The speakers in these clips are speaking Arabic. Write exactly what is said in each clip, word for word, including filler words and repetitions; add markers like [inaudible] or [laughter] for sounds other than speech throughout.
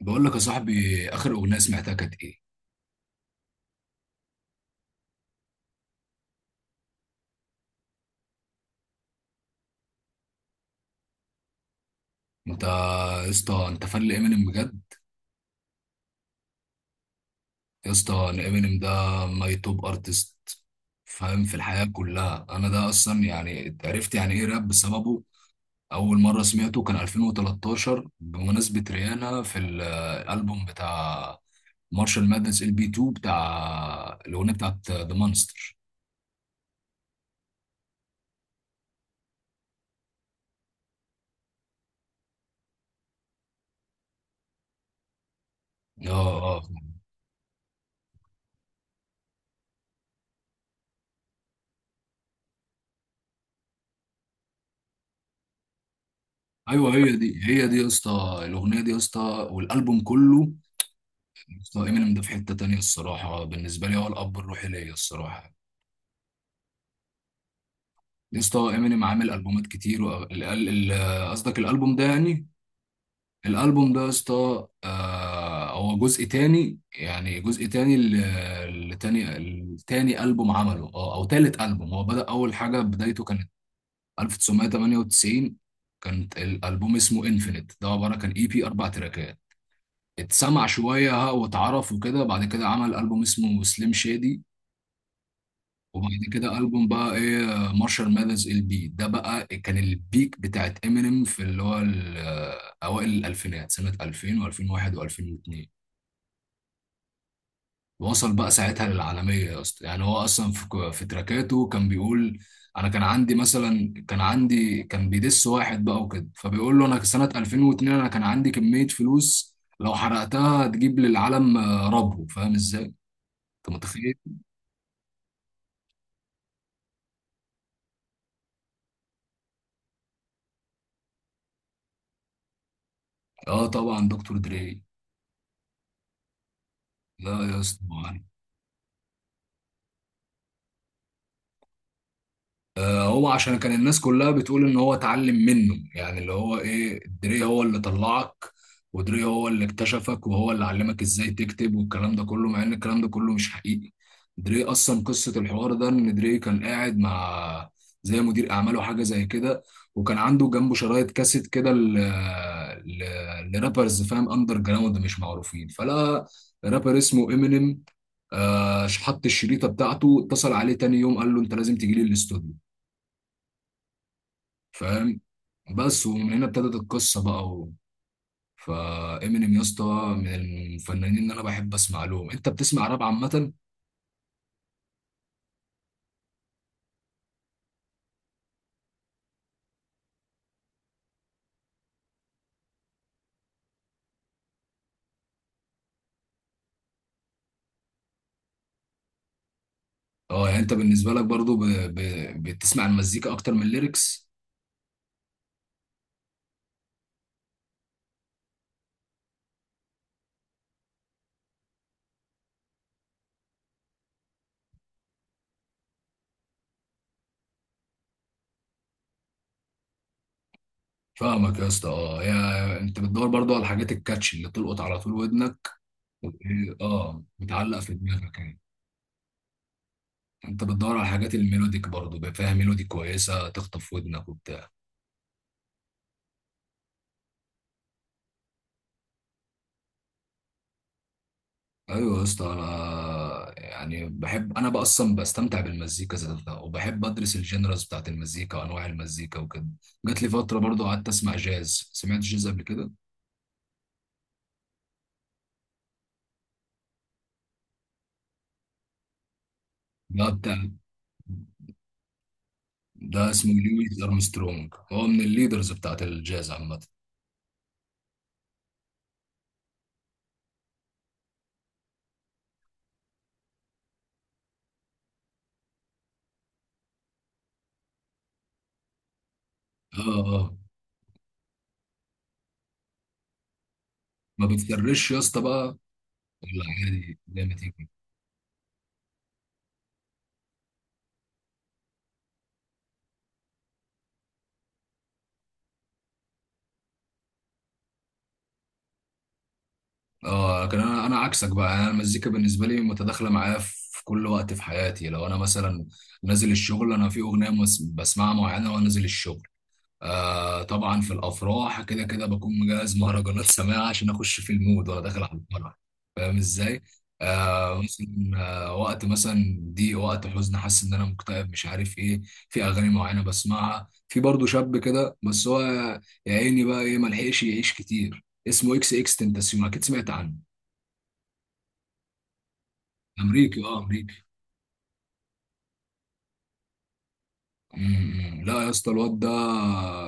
بقول لك يا صاحبي، اخر اغنيه سمعتها كانت ايه؟ انت يا اسطى، انت فان لامينيم بجد؟ يا اسطى، انا امينيم ده ماي توب ارتست، فاهم؟ في الحياه كلها انا ده اصلا، يعني عرفت يعني ايه راب بسببه. اول مره سمعته كان ألفين وتلتاشر بمناسبه ريانا في ال- الالبوم بتاع مارشال مادنس ال بي اتنين، بتاع الاغنيه بتاعت ذا مانستر. اه اه، ايوه هي دي هي دي يا اسطى، الاغنيه دي يا اسطى والالبوم كله. اسطى امينيم ده في حتة تانية الصراحة، بالنسبة لي هو الأب الروحي ليا الصراحة. يا اسطى امينيم عامل ألبومات كتير، وأغ- ال- ال- ال- قصدك الألبوم ده يعني؟ الألبوم ده يا اسطى آه، هو جزء تاني، يعني جزء تاني ل- لتاني التاني ألبوم عمله، أو أو تالت ألبوم. هو بدأ أول حاجة، بدايته كانت ألف وتسعمائة وثمانية وتسعين. كانت الألبوم اسمه انفينيت، ده عبارة كان اي بي أربع تراكات، اتسمع شوية واتعرف وكده. بعد كده عمل ألبوم اسمه سليم شادي، وبعد كده ألبوم بقى إيه، مارشال ماذرز ال بي. ده بقى كان البيك بتاعت إمينيم، في اللي هو ال- آه، أوائل الألفينات، سنة ألفين و2001 و2002. وصل بقى ساعتها للعالمية يا اسطى. يعني هو أصلا في في تراكاته كان بيقول، أنا كان عندي مثلا، كان عندي كان بيدس واحد بقى وكده، فبيقول له أنا سنة ألفين واتنين أنا كان عندي كمية فلوس لو حرقتها تجيب للعالم آه، ربو، فاهم إزاي؟ أنت متخيل؟ آه طبعا، دكتور دري. لا يا اسطى، آه، هو عشان كان الناس كلها بتقول ان هو اتعلم منه، يعني اللي هو ايه، دري هو اللي طلعك، ودري هو اللي اكتشفك، وهو اللي علمك ازاي تكتب والكلام ده كله، مع ان الكلام ده كله مش حقيقي. دري اصلا قصة الحوار ده، ان دري كان قاعد مع زي مدير اعماله حاجة زي كده، وكان عنده جنبه شرايط كاسيت كده ل... ل... لرابرز، فاهم، اندر جراوند مش معروفين، فلا رابر اسمه امينيم. آه، حط الشريطة بتاعته، اتصل عليه تاني يوم قال له انت لازم تجي لي الاستوديو، فاهم؟ بس ومن هنا ابتدت القصه بقى و... فامينيم يا اسطى من الفنانين اللي انا بحب اسمع لهم. انت بتسمع راب عامه؟ اه يعني انت بالنسبه لك برضو ب... ب... بتسمع المزيكا اكتر من الليركس؟ فاهمك يا اسطى. اه، يا انت بتدور برضو على الحاجات الكاتش، اللي تلقط على طول ودنك وت- اه، بتعلق في دماغك يعني. انت بتدور على الحاجات الميلوديك برضو، بقى فيها ميلودي كويسه تخطف ودنك وبتاع. ايوه يا اسطى، انا يعني بحب، انا بقى اصلا بستمتع بالمزيكا ذاتها، وبحب ادرس الجنرالز بتاعت المزيكا وانواع المزيكا وكده. جات لي فتره برضو قعدت اسمع جاز. سمعت جاز قبل كده؟ ده بتاع، ده اسمه لويس ارمسترونج، هو من الليدرز بتاعت الجاز عامه. اه اه. ما بتفرش يا اسطى بقى، ولا عادي زي ما تيجي؟ اه، لكن انا انا عكسك بقى، يعني انا المزيكا بالنسبه لي متداخله معايا في كل وقت في حياتي. لو انا مثلا نازل الشغل، انا في اغنيه مس- بسمعها معينه وانا نازل الشغل. آه طبعا في الافراح كده كده بكون مجهز مهرجانات سماعه عشان اخش في المود وانا داخل على الفرح، فاهم ازاي؟ آه مثلا، آه وقت مثلا دي وقت حزن، حاسس ان انا مكتئب مش عارف ايه، في اغاني معينه بسمعها. في برضه شاب كده، بس هو يا عيني بقى ايه، ملحقش يعيش كتير، اسمه اكس اكس تنتاسيون، اكيد سمعت عنه. امريكي، اه امريكي. أمم. لا يا اسطى الواد ده،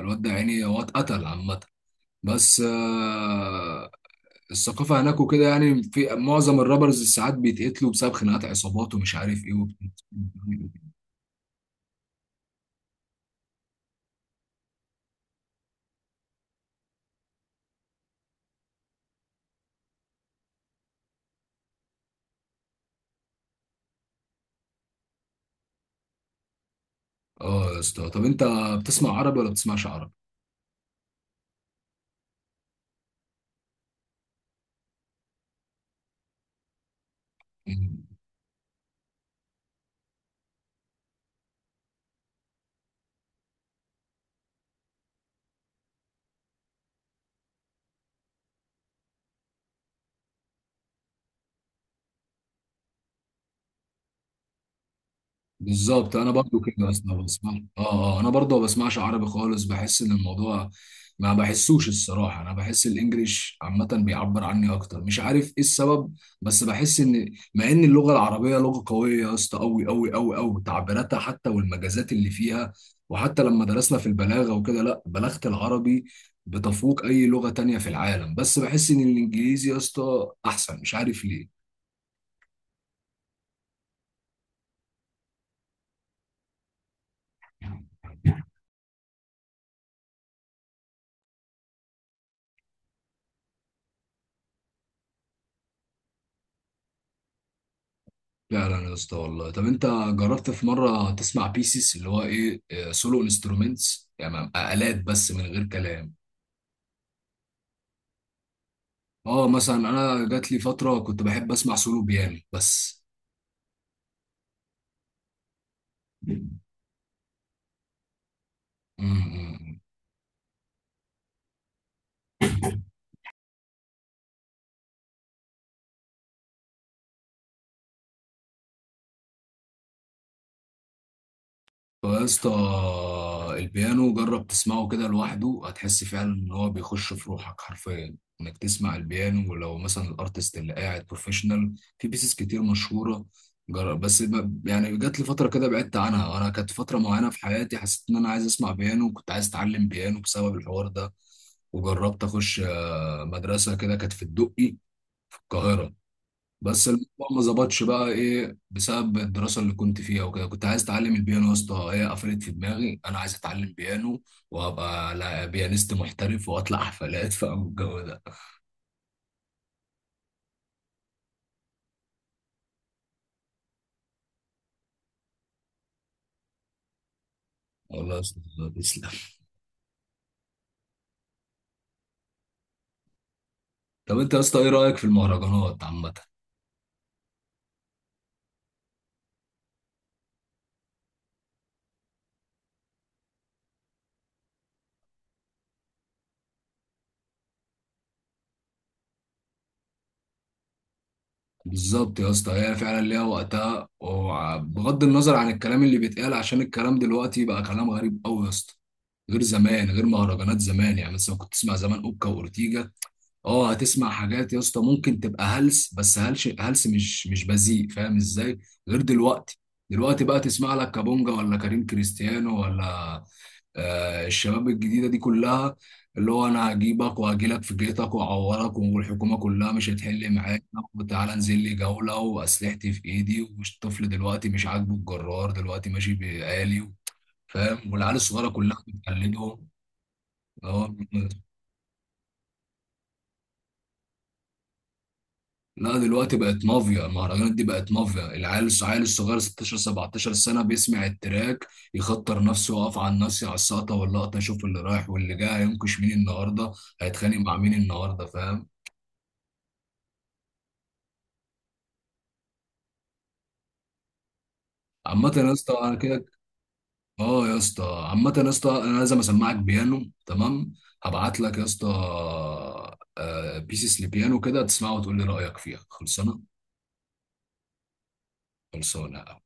الواد ده يعني هو اتقتل عامه. بس آه، الثقافه هناك وكده، يعني في معظم الرابرز ساعات بيتقتلوا بسبب خناقات عصابات ومش عارف ايه وبت... اه يا اسطى، طب انت بتسمع عربي ولا بتسمعش عربي؟ بالظبط، انا برضو كده اصلا بسمع. اه اه، انا برضو ما بسمعش عربي خالص، بحس ان الموضوع ما بحسوش الصراحه. انا بحس الانجليش عامه بيعبر عني اكتر، مش عارف ايه السبب. بس بحس ان، مع ان اللغه العربيه لغه قويه يا اسطى، قوي قوي قوي قوي، تعبيراتها حتى والمجازات اللي فيها، وحتى لما درسنا في البلاغه وكده، لا بلاغه العربي بتفوق اي لغه تانية في العالم، بس بحس ان الانجليزي يا اسطى احسن، مش عارف ليه. فعلا يا اسطى، والله. طب انت جربت في مره تسمع بيسز، اللي هو ايه، سولو انسترومنتس، يعني آلات بس من غير كلام؟ اه مثلا انا جات لي فتره كنت بحب اسمع سولو بيانو بس. امم. هو يا اسطى البيانو، جرب تسمعه كده لوحده، هتحس فعلا ان هو بيخش في روحك حرفيا، انك تسمع البيانو، ولو مثلا الارتست اللي قاعد بروفيشنال في بيسز كتير مشهوره. جرب بس، ب- يعني جات لي فتره كده بعدت عنها، وانا كانت فتره معينه في حياتي حسيت ان انا عايز اسمع بيانو، كنت عايز اتعلم بيانو بسبب الحوار ده. وجربت اخش آه، مدرسه كده كانت في الدقي في القاهره، بس الموضوع ما ظبطش بقى ايه بسبب الدراسه اللي كنت فيها وكده. كنت عايز اتعلم البيانو يا اسطى، هي قفلت في دماغي انا عايز اتعلم بيانو وابقى لا- بيانيست محترف واطلع حفلات [laughs] فاهم الجو ده. والله يا اسطى، تسلم. طب انت يا اسطى ايه رايك في المهرجانات عامه؟ بالظبط يا اسطى، هي فعلا ليها وقتها، وبغض النظر عن الكلام اللي بيتقال، عشان الكلام دلوقتي بقى كلام غريب قوي يا اسطى. غير زمان، غير مهرجانات زمان، يعني مثلا كنت تسمع زمان اوكا واورتيجا، اه هتسمع حاجات يا اسطى ممكن تبقى هلس، بس هلس هلس مش مش بذيء، فاهم ازاي؟ غير دلوقتي. دلوقتي بقى تسمع لك كابونجا ولا كريم كريستيانو، ولا آه الشباب الجديده دي كلها، اللي هو انا هجيبك وهجيلك في بيتك واعورك والحكومه كلها مش هتحل معاك، وتعالى انزل لي جوله واسلحتي في ايدي، والطفل دلوقتي مش عاجبه الجرار دلوقتي ماشي بآلي، فاهم؟ والعيال الصغيره كلها بتقلدهم. اه. لا دلوقتي بقت مافيا المهرجانات، دي بقت مافيا. العيال الصغير الصغير ستاشر سبعتاشر سنة بيسمع التراك، يخطر نفسه ويقف على الناس على السقطة واللقطة يشوف اللي رايح واللي جاي، هينكش مين النهاردة، هيتخانق مع مين النهاردة، فاهم؟ عامة يا اسطى انا كده. اه يا اسطى. عامة يا اسطى انا لازم اسمعك بيانو، تمام؟ هبعت لك يا اسطى آه، بيسيس لبيانو كده، تسمعه وتقول لي رأيك فيها. خلصانة؟ خلصانة.